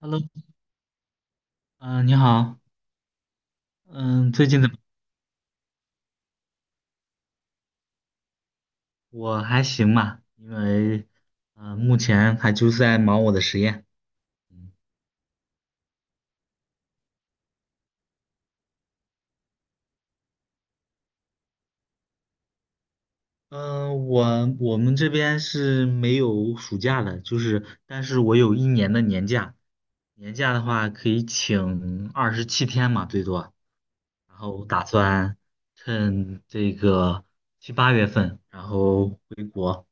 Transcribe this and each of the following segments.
Hello，嗯、你好，嗯、最近怎么？我还行吧，因为，目前还就是在忙我的实验。嗯，呃我我们这边是没有暑假的，就是，但是我有一年的年假，年假的话可以请27天嘛，最多。然后打算趁这个七八月份，然后回国。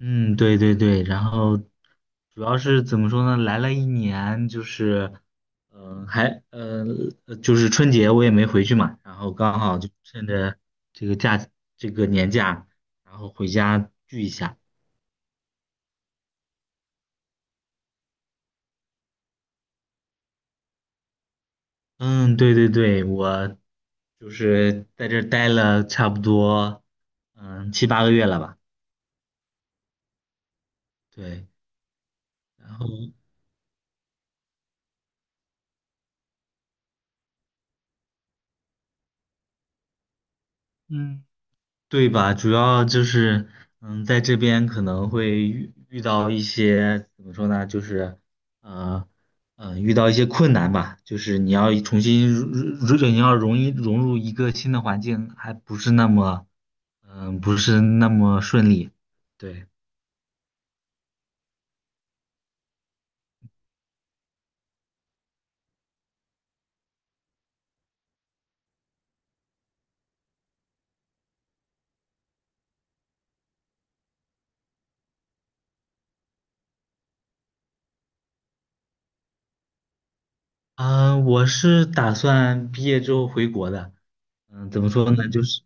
嗯，对对对，然后主要是怎么说呢？来了一年，就是，嗯、还，呃，就是春节我也没回去嘛，然后刚好就趁着这个假，这个年假，然后回家聚一下。嗯，对对对，我就是在这儿待了差不多，七八个月了吧？对，然后，嗯。对吧？主要就是，在这边可能会遇到一些怎么说呢？就是，呃，遇到一些困难吧。就是你要重新入，如果你要容易融入一个新的环境，还不是那么，不是那么顺利。对，啊，我是打算毕业之后回国的。怎么说呢？就是，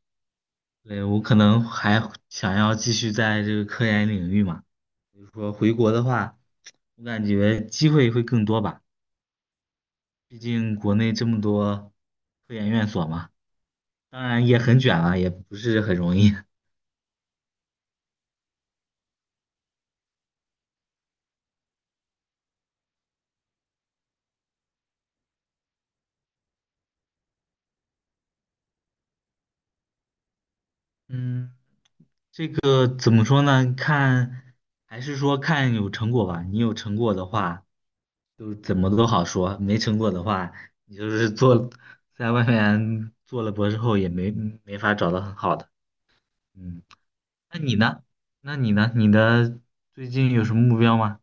对，我可能还想要继续在这个科研领域嘛。比如说回国的话，我感觉机会会更多吧，毕竟国内这么多科研院所嘛，当然也很卷啊，也不是很容易。嗯，这个怎么说呢？看，还是说看有成果吧。你有成果的话，就怎么都好说；没成果的话，你就是做，在外面做了博士后也没法找到很好的。嗯，那你呢？你的最近有什么目标吗？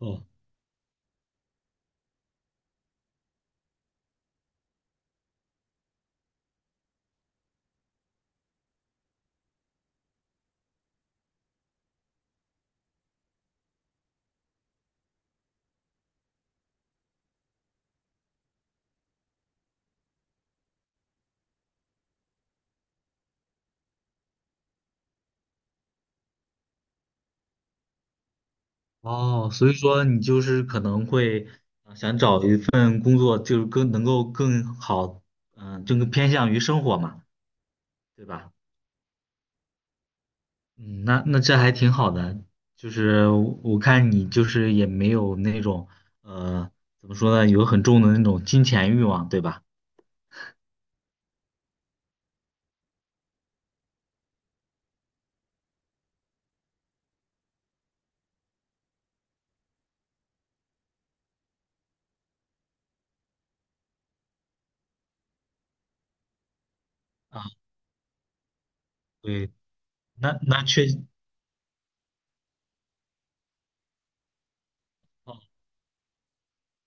哦。哦，所以说你就是可能会想找一份工作，就是更能够更好，就更偏向于生活嘛，对吧？嗯，那这还挺好的，就是我看你就是也没有那种呃，怎么说呢，有很重的那种金钱欲望，对吧？啊，对，那那确，哦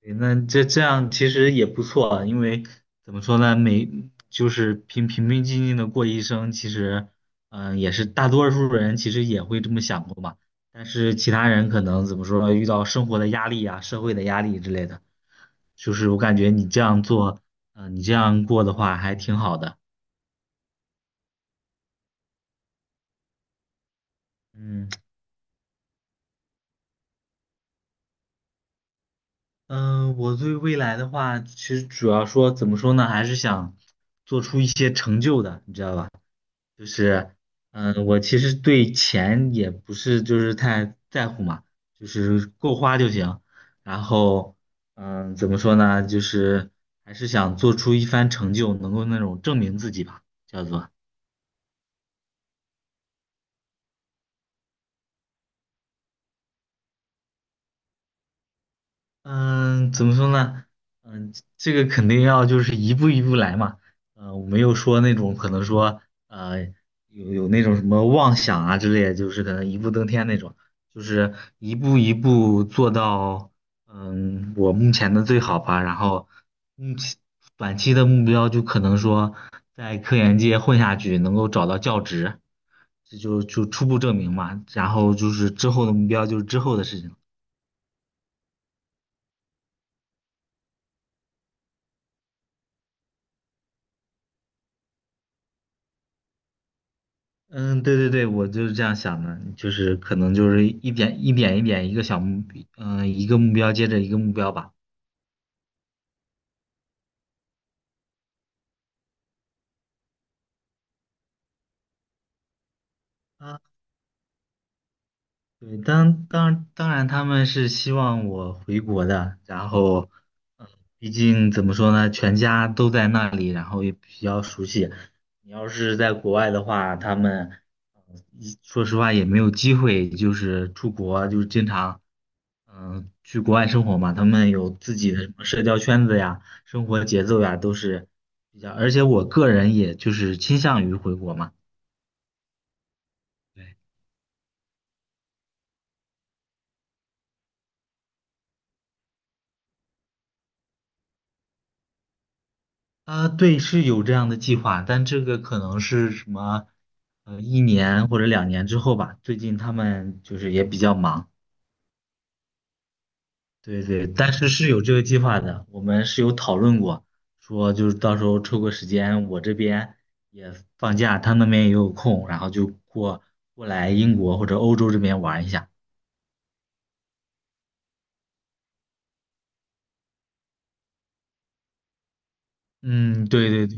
对，那这样其实也不错啊，因为怎么说呢，就是平平静静的过一生，其实，也是大多数人其实也会这么想过嘛。但是其他人可能怎么说呢，遇到生活的压力啊、社会的压力之类的，就是我感觉你这样做，你这样过的话还挺好的。嗯我对未来的话，其实主要说怎么说呢，还是想做出一些成就的，你知道吧？就是，我其实对钱也不是就是太在乎嘛，就是够花就行。然后，怎么说呢？就是还是想做出一番成就，能够那种证明自己吧，叫做。嗯，怎么说呢？嗯，这个肯定要就是一步一步来嘛。我没有说那种可能说呃有那种什么妄想啊之类就是可能一步登天那种，就是一步一步做到我目前的最好吧。然后目前短期的目标就可能说在科研界混下去，能够找到教职，这就初步证明嘛。然后就是之后的目标就是之后的事情。嗯，对对对，我就是这样想的，就是可能就是一点一点一个小目，一个目标接着一个目标吧。啊，对，当然他们是希望我回国的，然后，嗯，毕竟怎么说呢，全家都在那里，然后也比较熟悉。你要是在国外的话，他们，一说实话也没有机会，就是出国，就是经常。去国外生活嘛，他们有自己的什么社交圈子呀、生活节奏呀，都是比较。而且我个人也就是倾向于回国嘛。对，啊，对，是有这样的计划，但这个可能是什么，一年或者2年之后吧。最近他们就是也比较忙。对对，但是是有这个计划的，我们是有讨论过，说就是到时候抽个时间，我这边也放假，他那边也有空，然后就过来英国或者欧洲这边玩一下。嗯，对对对，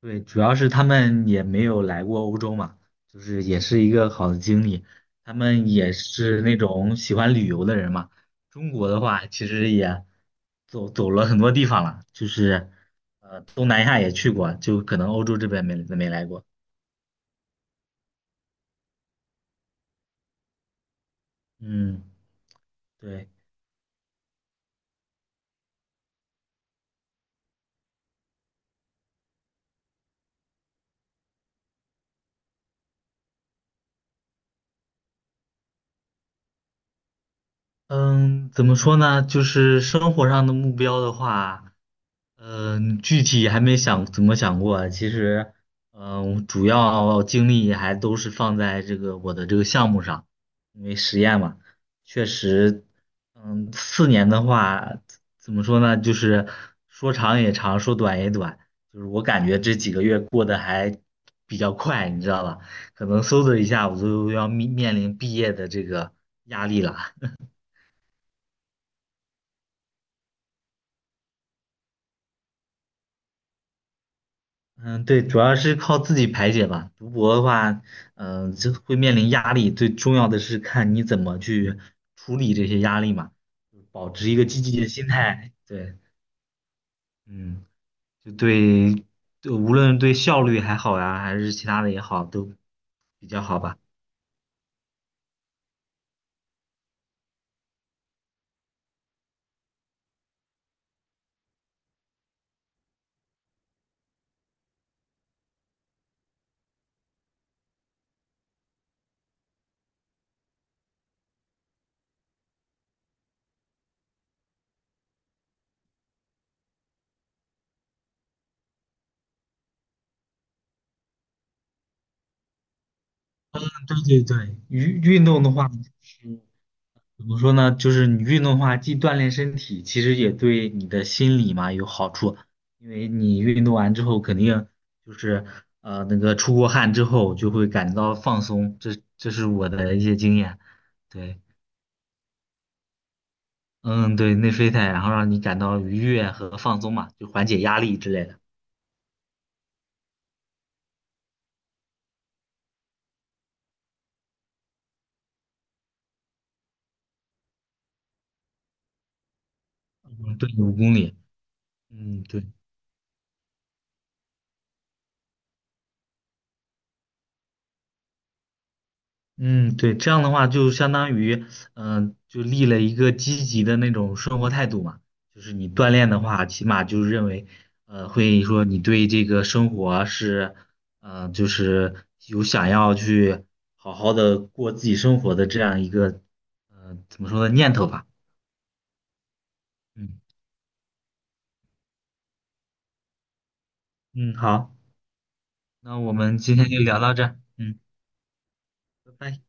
对，主要是他们也没有来过欧洲嘛，就是也是一个好的经历。他们也是那种喜欢旅游的人嘛。中国的话，其实也走了很多地方了，就是东南亚也去过，就可能欧洲这边没来过。嗯，对。嗯，怎么说呢？就是生活上的目标的话，具体还没想怎么想过啊。其实，主要精力还都是放在这个我的这个项目上，因为实验嘛，确实，4年的话，怎么说呢？就是说长也长，说短也短。就是我感觉这几个月过得还比较快，你知道吧？可能嗖的一下，我就要面临毕业的这个压力了。嗯，对，主要是靠自己排解吧。读博的话，就会面临压力，最重要的是看你怎么去处理这些压力嘛，保持一个积极的心态。对，嗯，就对，对，无论对效率还好呀，还是其他的也好，都比较好吧。嗯对对对，运动的话，怎么说呢？就是你运动的话，既锻炼身体，其实也对你的心理嘛有好处。因为你运动完之后，肯定就是那个出过汗之后，就会感觉到放松。这是我的一些经验。对，嗯，对，内啡肽，然后让你感到愉悦和放松嘛，就缓解压力之类的。嗯，对，5公里。嗯，对。嗯，对，这样的话就相当于，就立了一个积极的那种生活态度嘛。就是你锻炼的话，起码就是认为，会说你对这个生活是，就是有想要去好好的过自己生活的这样一个，怎么说呢，念头吧。嗯嗯，好，那我们今天就聊到这儿嗯，拜拜。